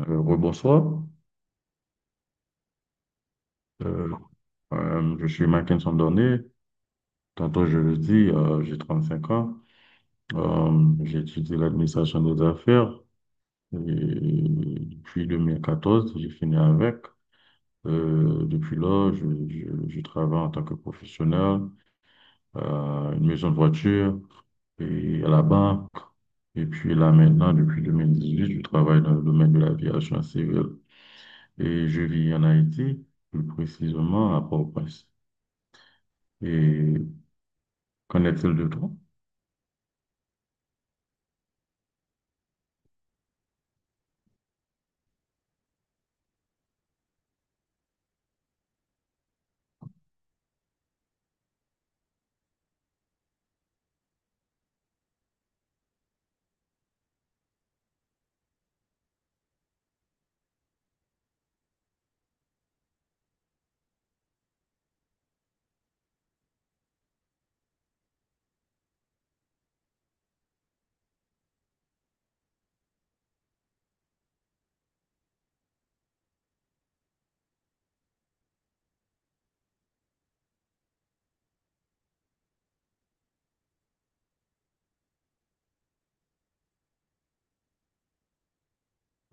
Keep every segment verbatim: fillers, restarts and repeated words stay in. Euh, rebonsoir. Euh, euh, je suis Mackinson Dorné. Tantôt, je le dis, euh, j'ai cinq ans. Euh, j'ai étudié l'administration des affaires. Et puis, deux mille quatorze, j'ai fini avec. Euh, depuis là, je, je- je travaille en tant que professionnel à une maison de voiture et à la banque. Et puis là, maintenant, depuis deux mille dix-huit, je travaille dans le domaine de l'aviation civile. Et je vis en Haïti, plus précisément à Port-au-Prince. Et qu'en est-il de toi?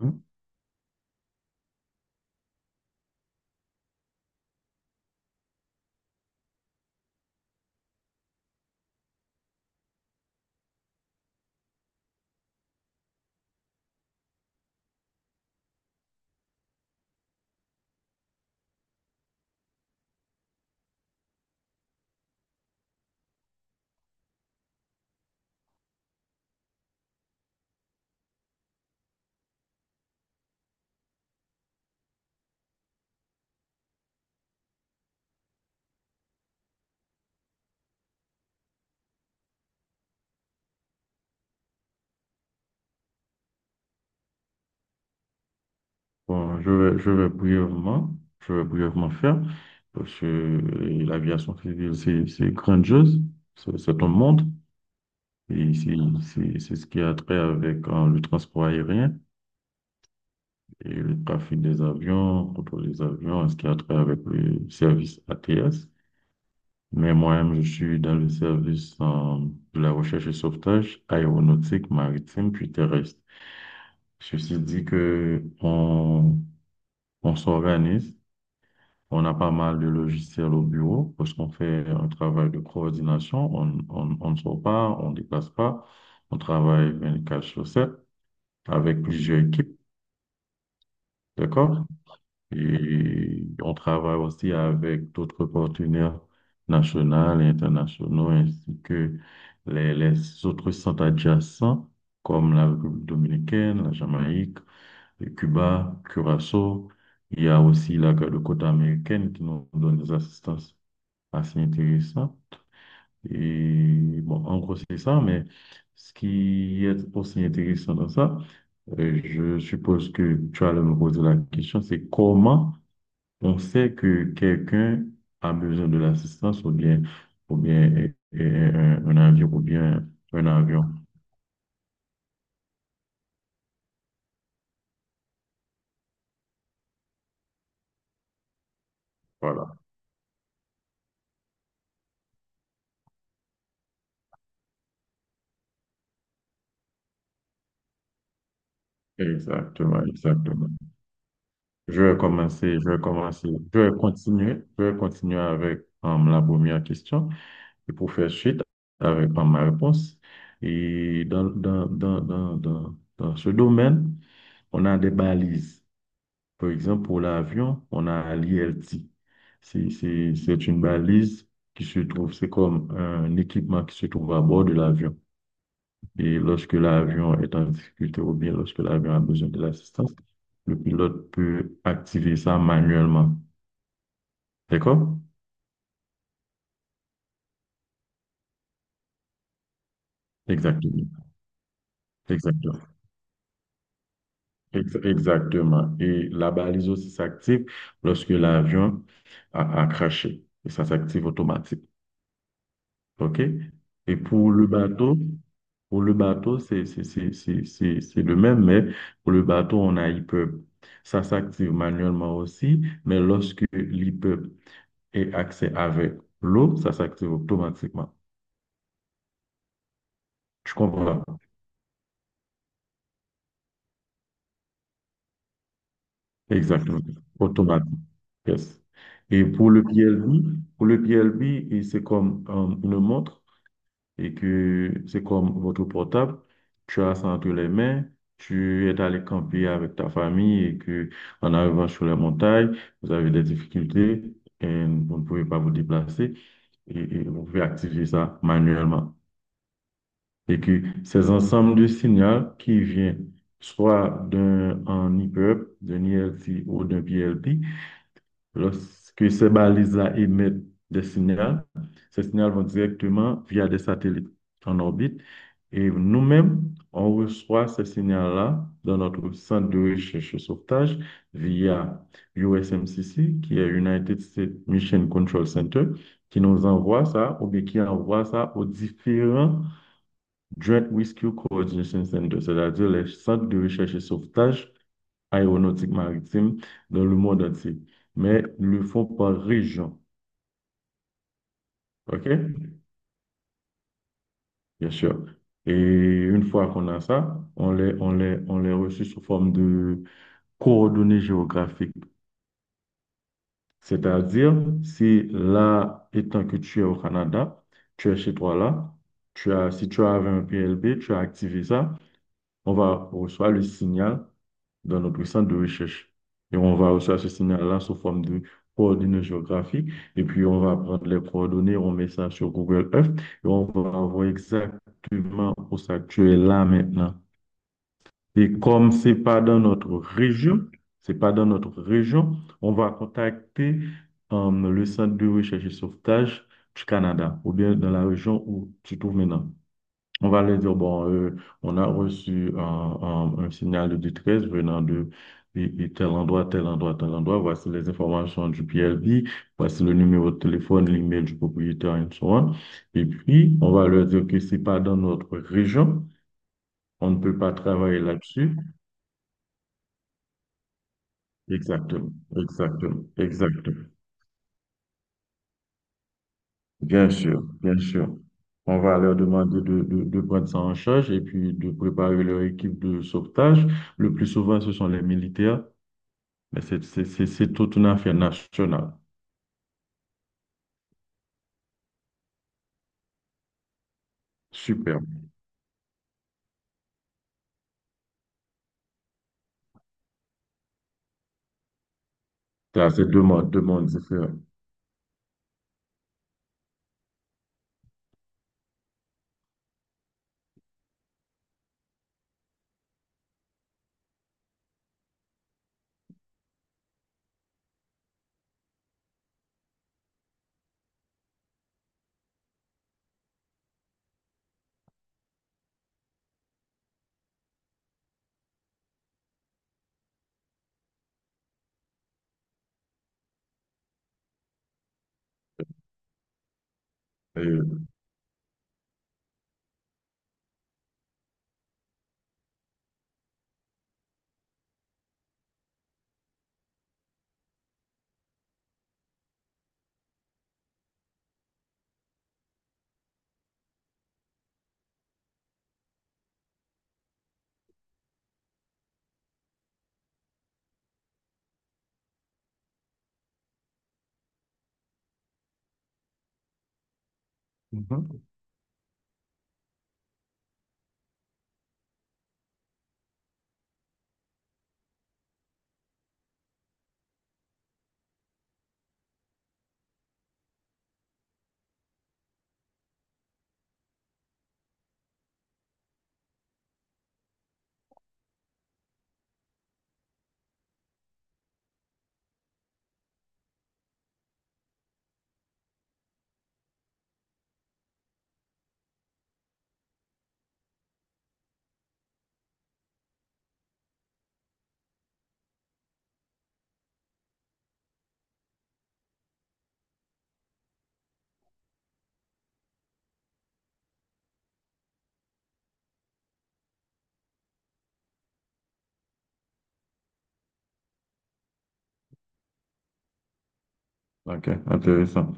Hein? Bon, je vais, je vais brièvement, je vais brièvement faire, parce que l'aviation civile, c'est c'est grandiose, c'est c'est un monde, et c'est c'est- c'est ce qui a trait avec euh, le transport aérien et le trafic des avions, contrôle des avions, et ce qui a trait avec le service A T S. Mais moi-même, je suis dans le service euh, de la recherche et sauvetage aéronautique, maritime, puis terrestre. Ceci dit que on, on s'organise, on a pas mal de logiciels au bureau parce qu'on fait un travail de coordination. On, on, on ne sort pas, on ne déplace pas, on travaille vingt-quatre sur sept avec plusieurs équipes, d'accord? Et on travaille aussi avec d'autres partenaires nationaux et internationaux, ainsi que les, les autres centres adjacents, comme la République dominicaine, la Jamaïque, le Cuba, Curaçao. Il y a aussi la garde côte américaine qui nous donne des assistances assez intéressantes. Et bon, en gros, c'est ça, mais ce qui est aussi intéressant dans ça, euh, je suppose que tu allais me poser la question, c'est comment on sait que quelqu'un a besoin de l'assistance ou bien, ou bien euh, euh, un, un avion ou bien un avion. Voilà. Exactement, exactement. Je vais commencer, je vais commencer, je vais continuer, je vais continuer avec euh, la première question et pour faire suite avec euh, ma réponse. Et dans, dans, dans, dans, dans, dans ce domaine, on a des balises. Par exemple, pour l'avion, on a l'I L T. C'est c'est- c'est une balise qui se trouve, c'est comme un équipement qui se trouve à bord de l'avion. Et lorsque l'avion est en difficulté ou bien lorsque l'avion a besoin de l'assistance, le pilote peut activer ça manuellement. D'accord? Exactement. Exactement. Ex- Exactement. Et la balise aussi s'active lorsque l'avion a, a craché. Et ça s'active automatiquement. OK? Et pour le bateau, pour le bateau, c'est c'est- c'est- c'est- c'est- c'est le même, mais pour le bateau, on a e Ça s'active manuellement aussi, mais lorsque l'e est accès avec l'eau, ça s'active automatiquement. Tu comprends? Exactement. Automatique. Yes. Et pour le P L B, pour le P L B, et c'est comme euh, une montre. Et que c'est comme votre portable, tu as ça entre les mains, tu es allé camper avec ta famille et que en arrivant sur les montagnes, vous avez des difficultés et vous ne pouvez pas vous déplacer et, et vous pouvez activer ça manuellement. Et que ces ensembles de signaux qui viennent soit d'un en I P U B, d'un I L T ou d'un P L T, lorsque ces balises-là émettent des signaux, ces signaux vont directement via des satellites en orbite. Et nous-mêmes, on reçoit ces signaux-là dans notre centre de recherche et sauvetage via U S M C C, qui est United States Mission Control Center, qui nous envoie ça, ou bien qui envoie ça aux différents Joint Rescue Coordination Centers, c'est-à-dire les centres de recherche et sauvetage aéronautique maritime dans le monde entier, mais le font par région. OK? Bien sûr. Et une fois qu'on a ça, on les, on les, on les reçoit sous forme de coordonnées géographiques. C'est-à-dire, si là, étant que tu es au Canada, tu es chez toi là, tu as, si tu avais un P L B, tu as activé ça. On va recevoir le signal dans notre centre de recherche. Et on va recevoir ce signal-là sous forme de coordonnées géographiques. Et puis, on va prendre les coordonnées, on met ça sur Google Earth et on va voir exactement où ça tu es là maintenant. Et comme c'est pas dans notre région, c'est pas dans notre région, on va contacter euh, le centre de recherche et sauvetage du Canada ou bien dans la région où tu te trouves maintenant. On va leur dire, bon, euh, on a reçu un, un- un signal de détresse venant de et- et tel endroit, tel endroit, tel endroit. Voici les informations du P L V, voici le numéro de téléphone, l'email du propriétaire, et so on. Et puis, on va leur dire que c'est pas dans notre région, on ne peut pas travailler là-dessus. Exactement, exactement, exactement. Bien sûr, bien sûr. On va leur demander de, de, de prendre ça en charge et puis de préparer leur équipe de sauvetage. Le plus souvent, ce sont les militaires. Mais c'est c'est- c'est- c'est toute une affaire nationale. Super. Ça, c'est deux mondes, deux mondes différents. Et, mhm. OK, intéressant.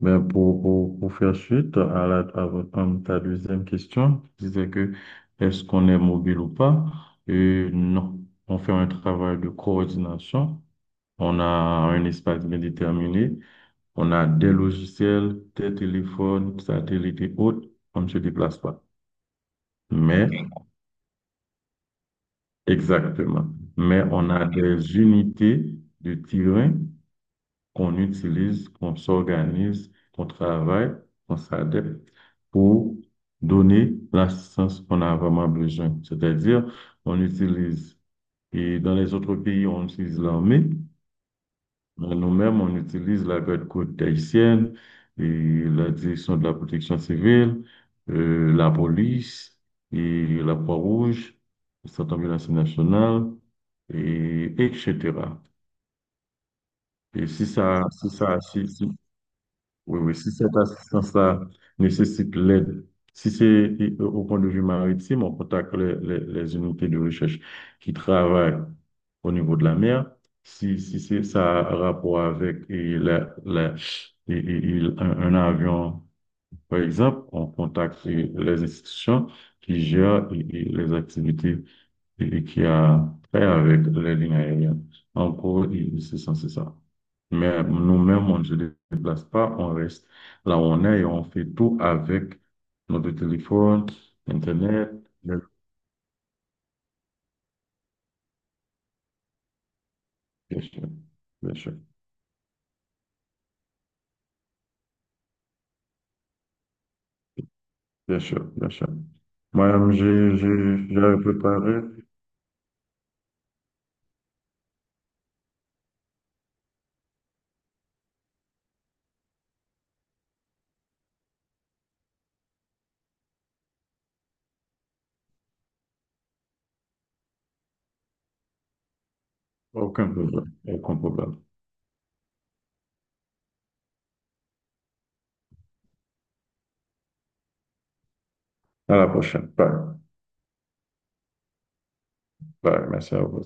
Mais pour, pour, pour faire suite à, la, à votre- à ta deuxième question, je disais que est-ce qu'on est mobile ou pas? Et non. On fait un travail de coordination. On a un espace bien déterminé. On a des logiciels, des téléphones, satellites et autres. On ne se déplace pas. Mais exactement. Mais on a des unités de terrain qu'on utilise, qu'on s'organise, qu'on travaille, qu'on s'adapte pour donner l'assistance qu'on a vraiment besoin. C'est-à-dire, on utilise, et dans les autres pays, on utilise l'armée, euh, nous-mêmes, on utilise la garde côte haïtienne et la direction de la protection civile, euh, la police et la Croix-Rouge, le Centre ambulancier national, et, etc. Et si ça, si ça, si, si- oui, oui, si cette assistance-là nécessite l'aide, si c'est au au point de vue maritime, on contacte les, les- les unités de recherche qui travaillent au niveau de la mer. Si, si c'est ça a rapport avec et la- la- et- et- et un, un avion, par exemple, on contacte les institutions qui gèrent et- et les activités et, et qui a fait avec les lignes aériennes. En gros, il- c'est ça, c'est ça. Mais nous-mêmes, on ne se déplace pas, on reste là où on est et on fait tout avec notre téléphone, Internet. Bien sûr, bien sûr, bien sûr, bien sûr. Moi-même, j'ai, j'ai- j'avais préparé aucun problème, aucun problème. À la prochaine. Bye. Bye. Merci à vous.